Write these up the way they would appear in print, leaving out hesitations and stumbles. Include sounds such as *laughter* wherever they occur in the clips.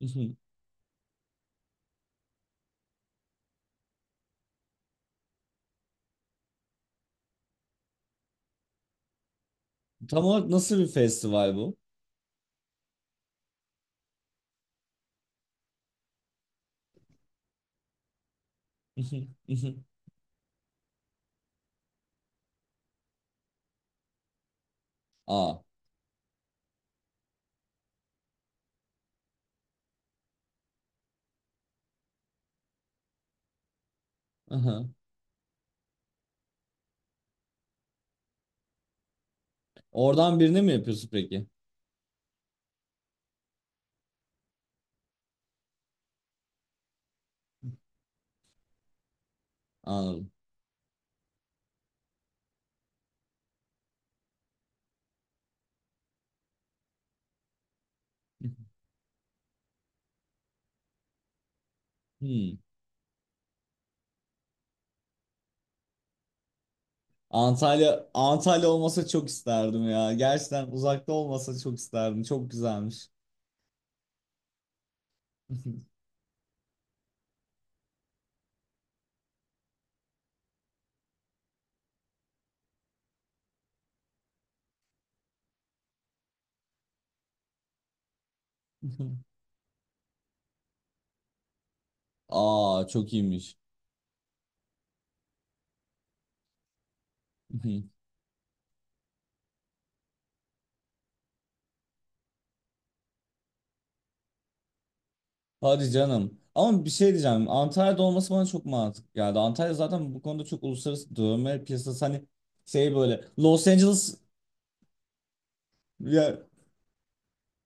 Mhm. Tam olarak nasıl bir festival bu? Mhm. Mhm. Aa. Aha. Oradan birini mi yapıyorsun peki? Anladım. Hmm. Antalya Antalya olmasa çok isterdim ya. Gerçekten uzakta olmasa çok isterdim. Çok güzelmiş. *laughs* Aa, çok iyiymiş. Hı. Hadi canım. Ama bir şey diyeceğim. Antalya'da olması bana çok mantıklı geldi. Antalya zaten bu konuda çok uluslararası dövme piyasası, hani şey böyle Los Angeles ya.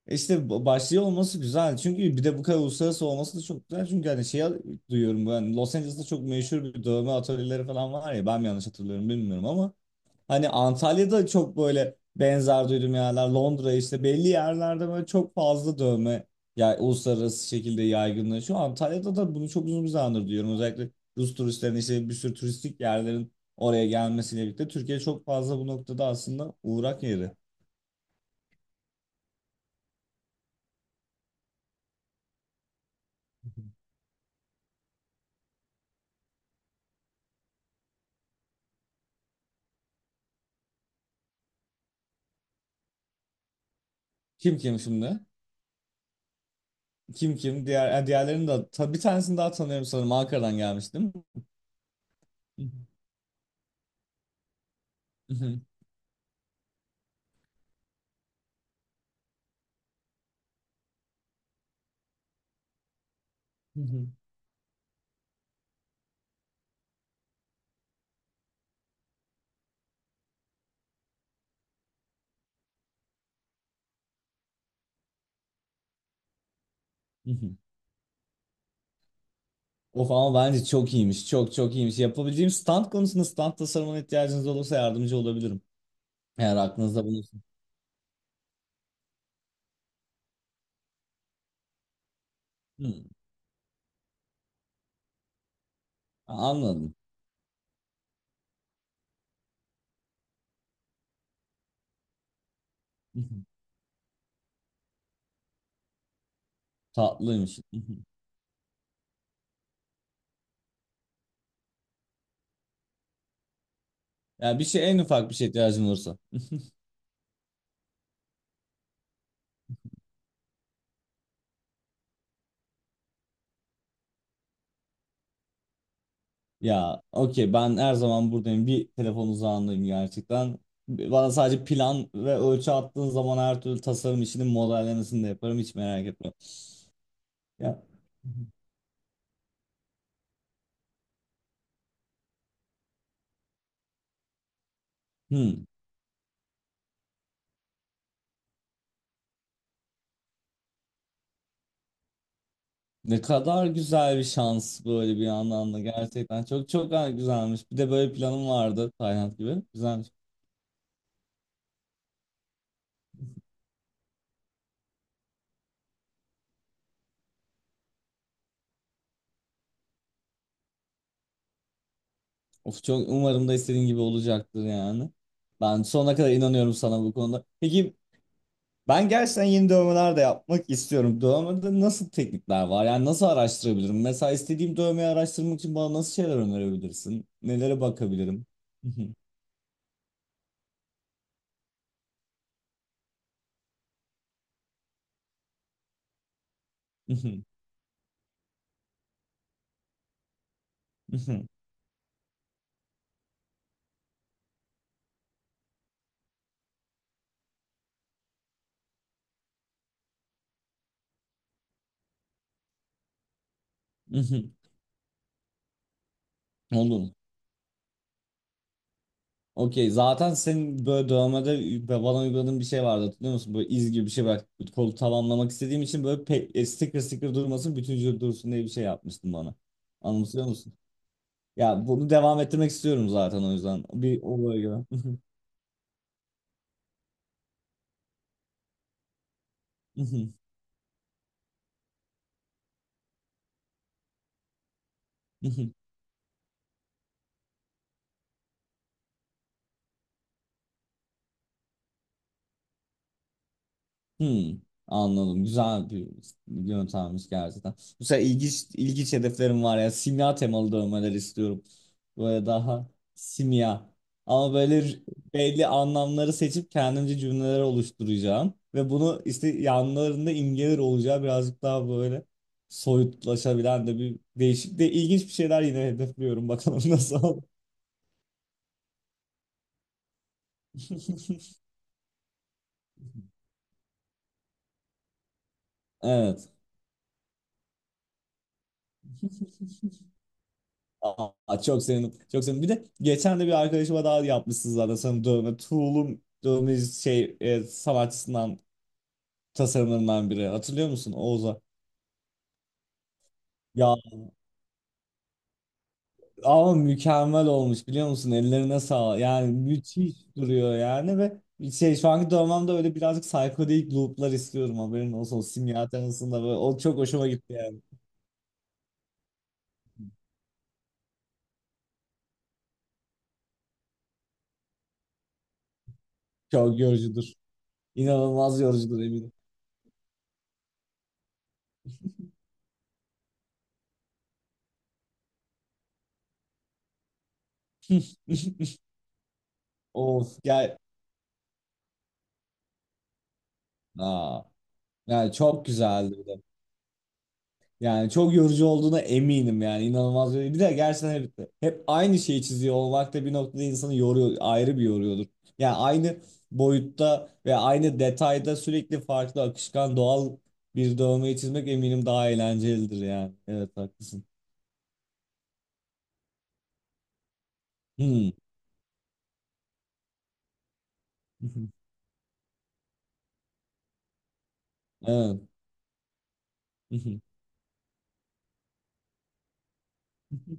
E İşte başlıyor olması güzel. Çünkü bir de bu kadar uluslararası olması da çok güzel. Çünkü hani şey, duyuyorum ben Los Angeles'ta çok meşhur bir dövme atölyeleri falan var ya, ben mi yanlış hatırlıyorum bilmiyorum ama hani Antalya'da çok böyle benzer duydum yerler, Londra, işte belli yerlerde böyle çok fazla dövme ya uluslararası şekilde yaygınlaşıyor. Antalya'da da bunu çok uzun bir zamandır duyuyorum. Özellikle Rus turistlerin işte bir sürü turistik yerlerin oraya gelmesiyle birlikte Türkiye çok fazla bu noktada aslında uğrak yeri. Kim kim şimdi? Kim kim? Diğer, yani diğerlerini de bir tanesini daha tanıyorum sanırım. Ankara'dan gelmiştim. Of, ama bence çok iyiymiş. Çok çok iyiymiş. Yapabileceğim stand konusunda, stand tasarımına ihtiyacınız olursa yardımcı olabilirim. Eğer aklınızda bulunsun. Hmm. Anladım. Hı hı. Tatlıymış. Hı hı. Ya bir şey, en ufak bir şey ihtiyacın olursa. *laughs* Ya okey, ben her zaman buradayım. Bir telefon uzağındayım gerçekten. Bana sadece plan ve ölçü attığın zaman her türlü tasarım işinin modellemesini de yaparım. Hiç merak etme. Ya. Hmm. Ne kadar güzel bir şans böyle, bir yandan da gerçekten çok çok güzelmiş. Bir de böyle planım vardı Tayland gibi. Güzelmiş. Of, çok umarım da istediğin gibi olacaktır yani. Ben sonuna kadar inanıyorum sana bu konuda. Peki, ben gerçekten yeni dövmeler de yapmak istiyorum. Dövmede nasıl teknikler var? Yani nasıl araştırabilirim? Mesela istediğim dövmeyi araştırmak için bana nasıl şeyler önerebilirsin? Nelere bakabilirim? *laughs* Olur. Okey. Zaten senin böyle dövmede bana uyguladığın bir şey vardı, hatırlıyor musun? Böyle iz gibi bir şey var. Kolu tamamlamak istediğim için böyle sticker sticker durmasın, bütün vücut dursun diye bir şey yapmıştın bana. Anlatıyor musun? Ya bunu devam ettirmek istiyorum zaten o yüzden. Bir olaya göre. *laughs* Hmm, anladım. Güzel bir yöntemmiş gerçekten. Bu sefer ilginç, ilginç hedeflerim var ya. Simya temalı dövmeler istiyorum. Böyle daha simya. Ama böyle belli anlamları seçip kendimce cümleler oluşturacağım. Ve bunu işte yanlarında imgeler olacağı, birazcık daha böyle soyutlaşabilen de, bir değişik de ilginç bir şeyler yine hedefliyorum. *laughs* Bakalım nasıl olur. *laughs* Evet. Aa, çok sevindim. Çok sevindim. Bir de geçen de bir arkadaşıma daha yapmışsınız zaten sanırım dövme. Tool'un dövme şey, sanatçısından tasarımlarından biri. Hatırlıyor musun, Oğuz'a? Ya, ama mükemmel olmuş biliyor musun? Ellerine sağlık. Yani müthiş duruyor yani. Ve şey, şu anki dövmemde öyle birazcık psikodelik loop'lar istiyorum, haberin olsun. O simya temasında böyle. O çok hoşuma gitti yani. Çok yorucudur. İnanılmaz yorucudur, eminim. *laughs* Of, gel. Aa, yani çok güzeldi. Yani çok yorucu olduğuna eminim yani, inanılmaz yorucu. Bir de gerçekten hep aynı şeyi çiziyor olmak da bir noktada insanı yoruyor, ayrı bir yoruyordur. Yani aynı boyutta ve aynı detayda sürekli farklı, akışkan, doğal bir dövmeyi çizmek eminim daha eğlencelidir yani. Evet, haklısın. Hmm. *laughs* Evet. *laughs*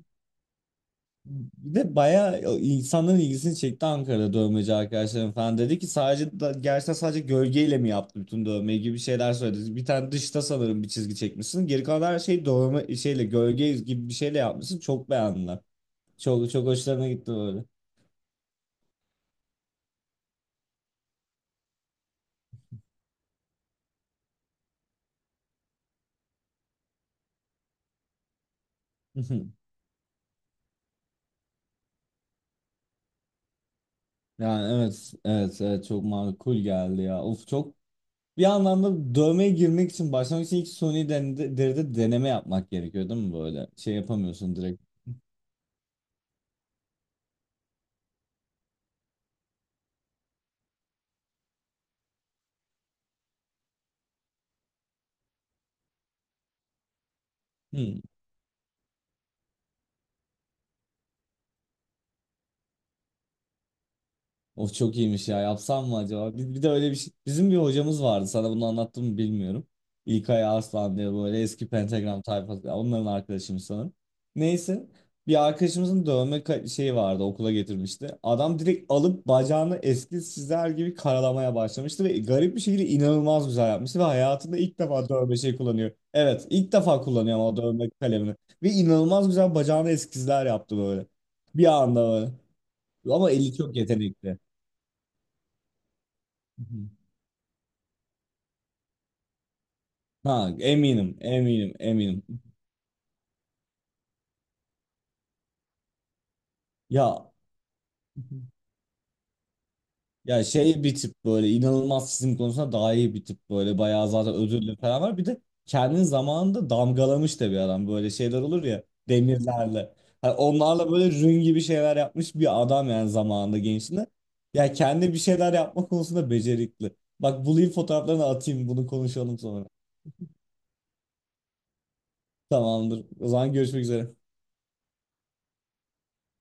Bir de bayağı insanların ilgisini çekti Ankara'da, dövmeci arkadaşlarım falan. Dedi ki sadece gerçekten sadece gölgeyle mi yaptı bütün dövmeyi, gibi şeyler söyledi. Bir tane dışta sanırım bir çizgi çekmişsin. Geri kalan her şeyi dövme şeyle, gölge gibi bir şeyle yapmışsın. Çok beğendiler. Çok çok hoşlarına gitti böyle. *laughs* Yani evet, evet, evet, çok makul geldi ya. Of, çok bir anlamda dövmeye girmek için, başlamak için ilk suni deride deneme yapmak gerekiyor değil mi böyle? Şey yapamıyorsun direkt. Hı. Of, çok iyiymiş ya. Yapsam mı acaba? Bir de öyle bir şey. Bizim bir hocamız vardı. Sana bunu anlattım mı bilmiyorum. İlkay Arslan diye, böyle eski Pentagram tayfası. Ya, onların arkadaşıymış sanırım. Neyse. Bir arkadaşımızın dövme şeyi vardı. Okula getirmişti. Adam direkt alıp bacağını eski sizler gibi karalamaya başlamıştı. Ve garip bir şekilde inanılmaz güzel yapmıştı. Ve hayatında ilk defa dövme şey kullanıyor. Evet, ilk defa kullanıyor ama, o dövme kalemini. Ve inanılmaz güzel bacağına eskizler yaptı böyle. Bir anda böyle. Ama eli çok yetenekli. Hı hı. Ha, eminim, eminim, eminim. Ya ya şey, bir tip böyle inanılmaz çizim konusunda daha iyi, bir tip böyle bayağı zaten ödüllü falan var. Bir de kendi zamanında damgalamış da bir adam, böyle şeyler olur ya, demirlerle. Hani onlarla böyle rün gibi şeyler yapmış bir adam yani, zamanında, gençliğinde. Ya kendi bir şeyler yapma konusunda becerikli. Bak, bulayım fotoğraflarını, atayım, bunu konuşalım sonra. Tamamdır. O zaman görüşmek üzere.